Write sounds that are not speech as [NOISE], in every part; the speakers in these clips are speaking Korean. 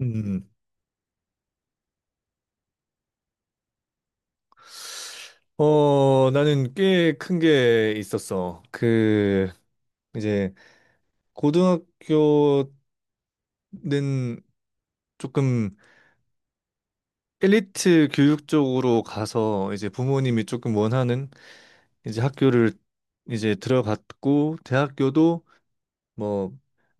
음, 나는 꽤 큰 게 있었어. 그, 이제, 고등학교는 조금 엘리트 교육 쪽으로 가서 이제 부모님이 조금 원하는 이제 학교를 이제 들어갔고, 대학교도 뭐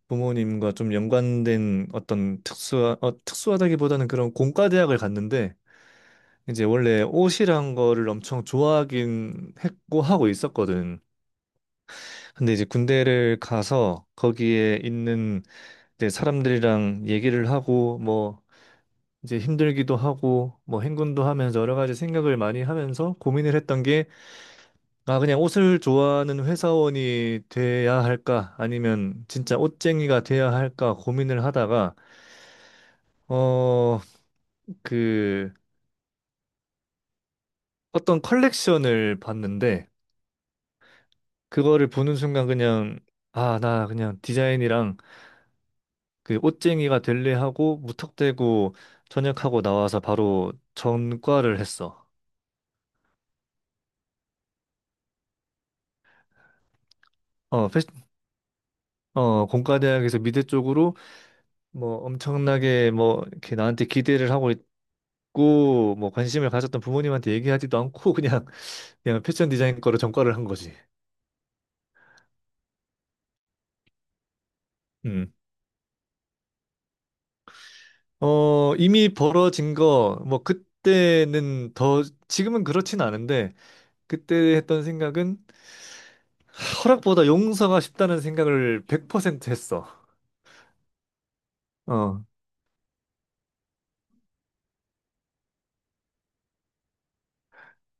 부모님과 좀 연관된 어떤 특수하다기보다는 그런 공과대학을 갔는데, 이제 원래 옷이란 거를 엄청 좋아하긴 했고 하고 있었거든. 근데 이제 군대를 가서 거기에 있는 이제 사람들이랑 얘기를 하고 뭐 이제 힘들기도 하고 뭐 행군도 하면서 여러 가지 생각을 많이 하면서 고민을 했던 게, 아, 그냥 옷을 좋아하는 회사원이 돼야 할까 아니면 진짜 옷쟁이가 돼야 할까 고민을 하다가, 어 그 어떤 컬렉션을 봤는데, 그거를 보는 순간 그냥, 아, 나 그냥 디자인이랑 그 옷쟁이가 될래 하고 무턱대고 전역하고 나와서 바로 전과를 했어. 어, 패, 공과대학에서 미대 쪽으로 뭐 엄청나게 뭐 이렇게 나한테 기대를 하고 있고 뭐 관심을 가졌던 부모님한테 얘기하지도 않고 [LAUGHS] 그냥 패션 디자인 거로 전과를 한 거지. 음. 어, 이미 벌어진 거 뭐 그때는 더, 지금은 그렇진 않은데, 그때 했던 생각은 허락보다 용서가 쉽다는 생각을 100% 했어. 어.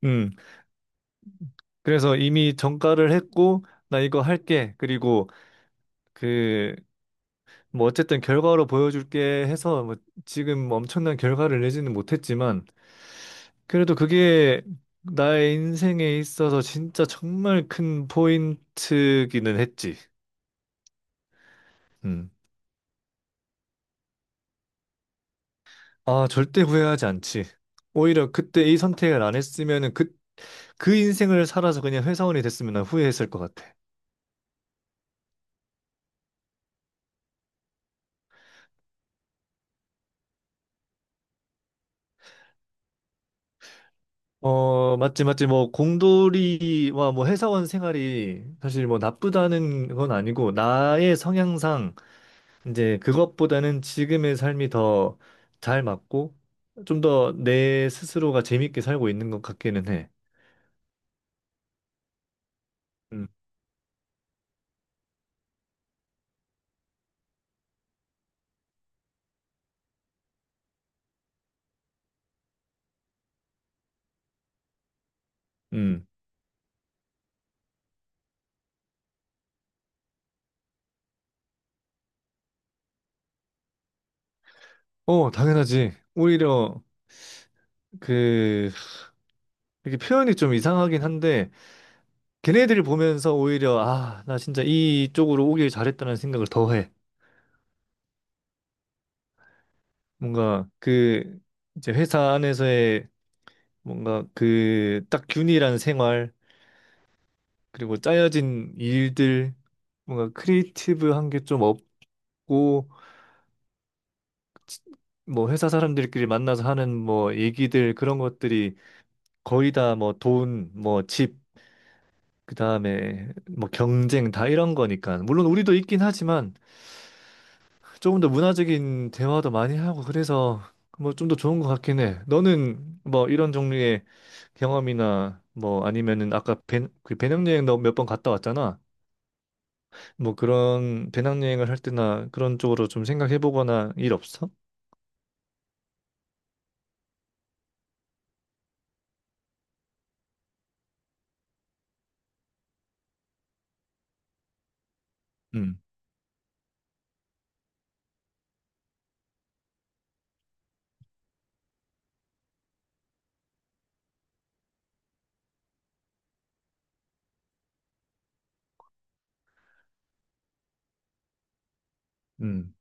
음. 그래서 이미 정가를 했고 나 이거 할게, 그리고 그 뭐 어쨌든 결과로 보여줄게 해서, 뭐 지금 엄청난 결과를 내지는 못했지만 그래도 그게 나의 인생에 있어서 진짜 정말 큰 포인트기는 했지. 음. 아, 절대 후회하지 않지. 오히려 그때 이 선택을 안 했으면은 그 인생을 살아서 그냥 회사원이 됐으면 난 후회했을 것 같아. 어, 맞지, 맞지. 뭐, 공돌이와 뭐, 회사원 생활이 사실 뭐, 나쁘다는 건 아니고, 나의 성향상, 이제, 그것보다는 지금의 삶이 더 잘 맞고, 좀 더 내 스스로가 재밌게 살고 있는 것 같기는 해. 음, 음. 어, 당연하지. 오히려, 그, 이렇게 표현이 좀 이상하긴 한데, 걔네들을 보면서 오히려, 아, 나 진짜 이쪽으로 오길 잘했다는 생각을 더 해. 뭔가, 그, 이제 회사 안에서의 뭔가 그 딱 균일한 생활, 그리고 짜여진 일들, 뭔가 크리에이티브한 게 좀 없고, 뭐 회사 사람들끼리 만나서 하는 뭐 얘기들, 그런 것들이 거의 다 뭐 돈, 뭐 집, 그다음에 뭐 경쟁, 다 이런 거니까. 물론 우리도 있긴 하지만 조금 더 문화적인 대화도 많이 하고, 그래서 뭐 좀 더 좋은 것 같긴 해. 너는 뭐 이런 종류의 경험이나 뭐 아니면은 아까 그 배낭여행 너 몇 번 갔다 왔잖아. 뭐 그런 배낭여행을 할 때나 그런 쪽으로 좀 생각해 보거나 일 없어? 음, 음,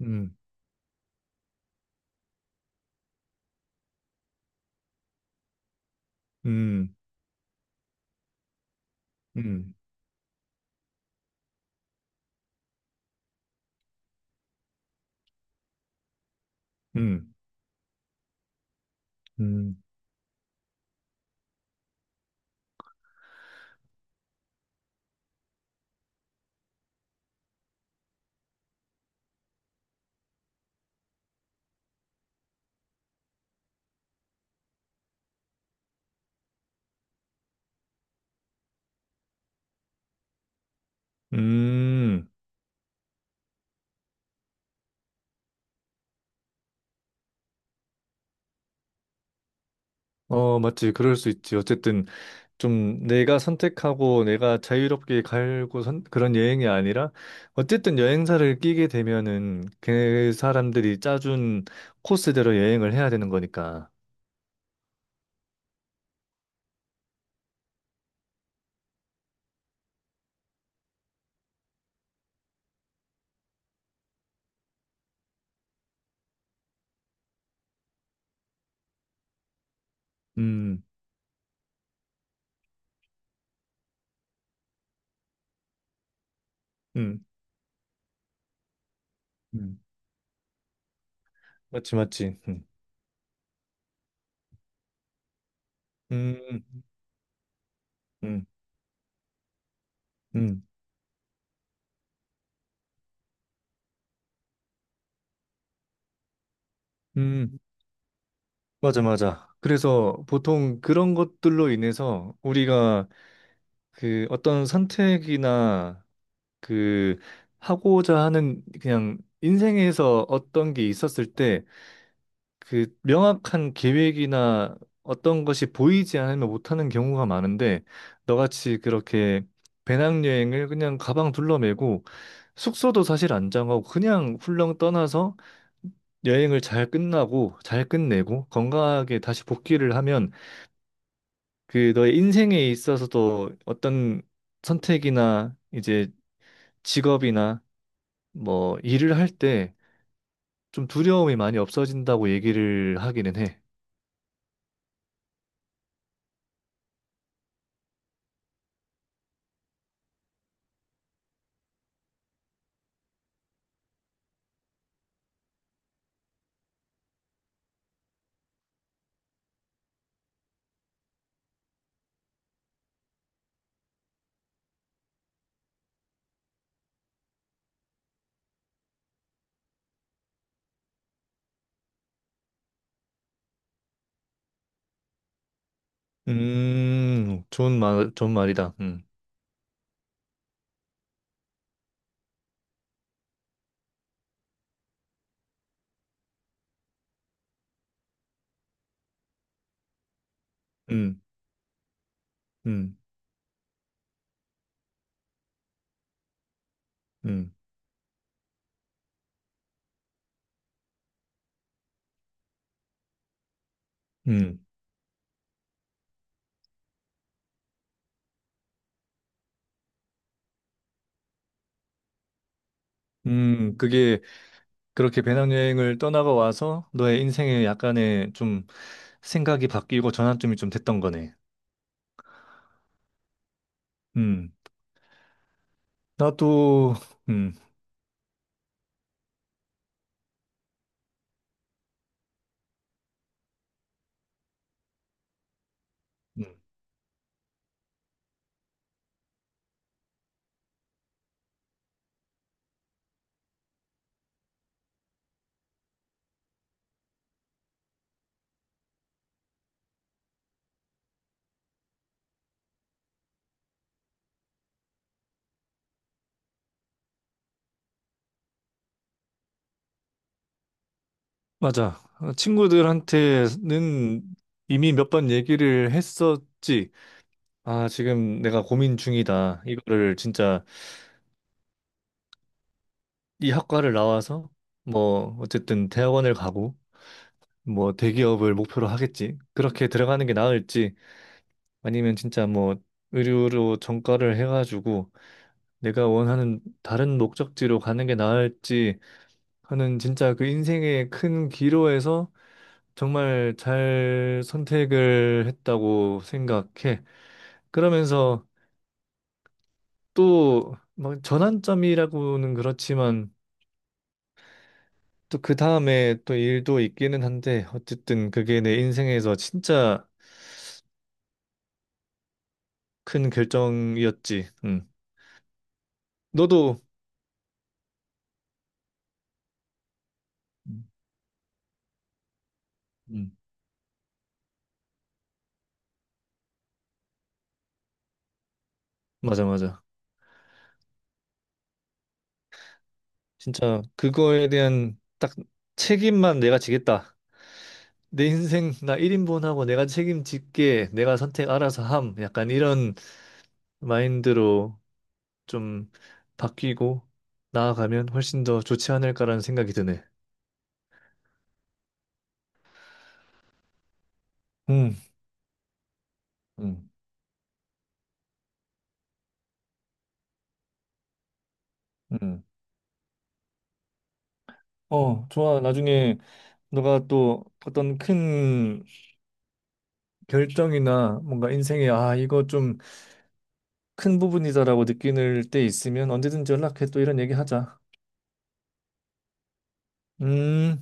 음, 음, 음, 음, 음, 음. 어, 맞지. 그럴 수 있지. 어쨌든 좀 내가 선택하고 내가 자유롭게 갈고 그런 여행이 아니라, 어쨌든 여행사를 끼게 되면은 그 사람들이 짜준 코스대로 여행을 해야 되는 거니까. 음, 음, 음. 맞지, 맞지. 음, 음, 음. 음. 맞아, 맞아. 그래서 보통 그런 것들로 인해서 우리가 그 어떤 선택이나 그 하고자 하는, 그냥 인생에서 어떤 게 있었을 때 그 명확한 계획이나 어떤 것이 보이지 않으면 못하는 경우가 많은데, 너같이 그렇게 배낭여행을 그냥 가방 둘러매고 숙소도 사실 안 정하고 그냥 훌렁 떠나서 여행을 잘 끝나고 잘 끝내고 건강하게 다시 복귀를 하면 그 너의 인생에 있어서도 어떤 선택이나 이제 직업이나 뭐 일을 할 때 좀 두려움이 많이 없어진다고 얘기를 하기는 해. 좋은 말, 좋은 말이다. 음, 음, 음, 음, 그게, 그렇게 배낭여행을 떠나가 와서 너의 인생에 약간의 좀 생각이 바뀌고 전환점이 좀 됐던 거네. 음, 나도, 음. 음. 맞아. 어, 친구들한테는 이미 몇 번 얘기를 했었지. 아, 지금 내가 고민 중이다. 이거를 진짜 이 학과를 나와서 뭐 어쨌든 대학원을 가고 뭐 대기업을 목표로 하겠지. 그렇게 들어가는 게 나을지 아니면 진짜 뭐 의료로 전과를 해가지고 내가 원하는 다른 목적지로 가는 게 나을지 하는, 진짜 그 인생의 큰 기로에서 정말 잘 선택을 했다고 생각해. 그러면서 또 막 전환점이라고는 그렇지만 또 그 다음에 또 일도 있기는 한데, 어쨌든 그게 내 인생에서 진짜 큰 결정이었지. 응. 너도. 음, 음. 맞아, 맞아. 진짜 그거에 대한 딱 책임만 내가 지겠다. 내 인생 나 1인분하고 내가 책임질게. 내가 선택 알아서 함. 약간 이런 마인드로 좀 바뀌고 나아가면 훨씬 더 좋지 않을까라는 생각이 드네. 음, 음, 음. 어, 좋아. 나중에 너가 또 어떤 큰 결정이나 뭔가 인생에, 아, 이거 좀 큰 부분이다라고 느낄 때 있으면 언제든지 연락해. 또 이런 얘기 하자. 음.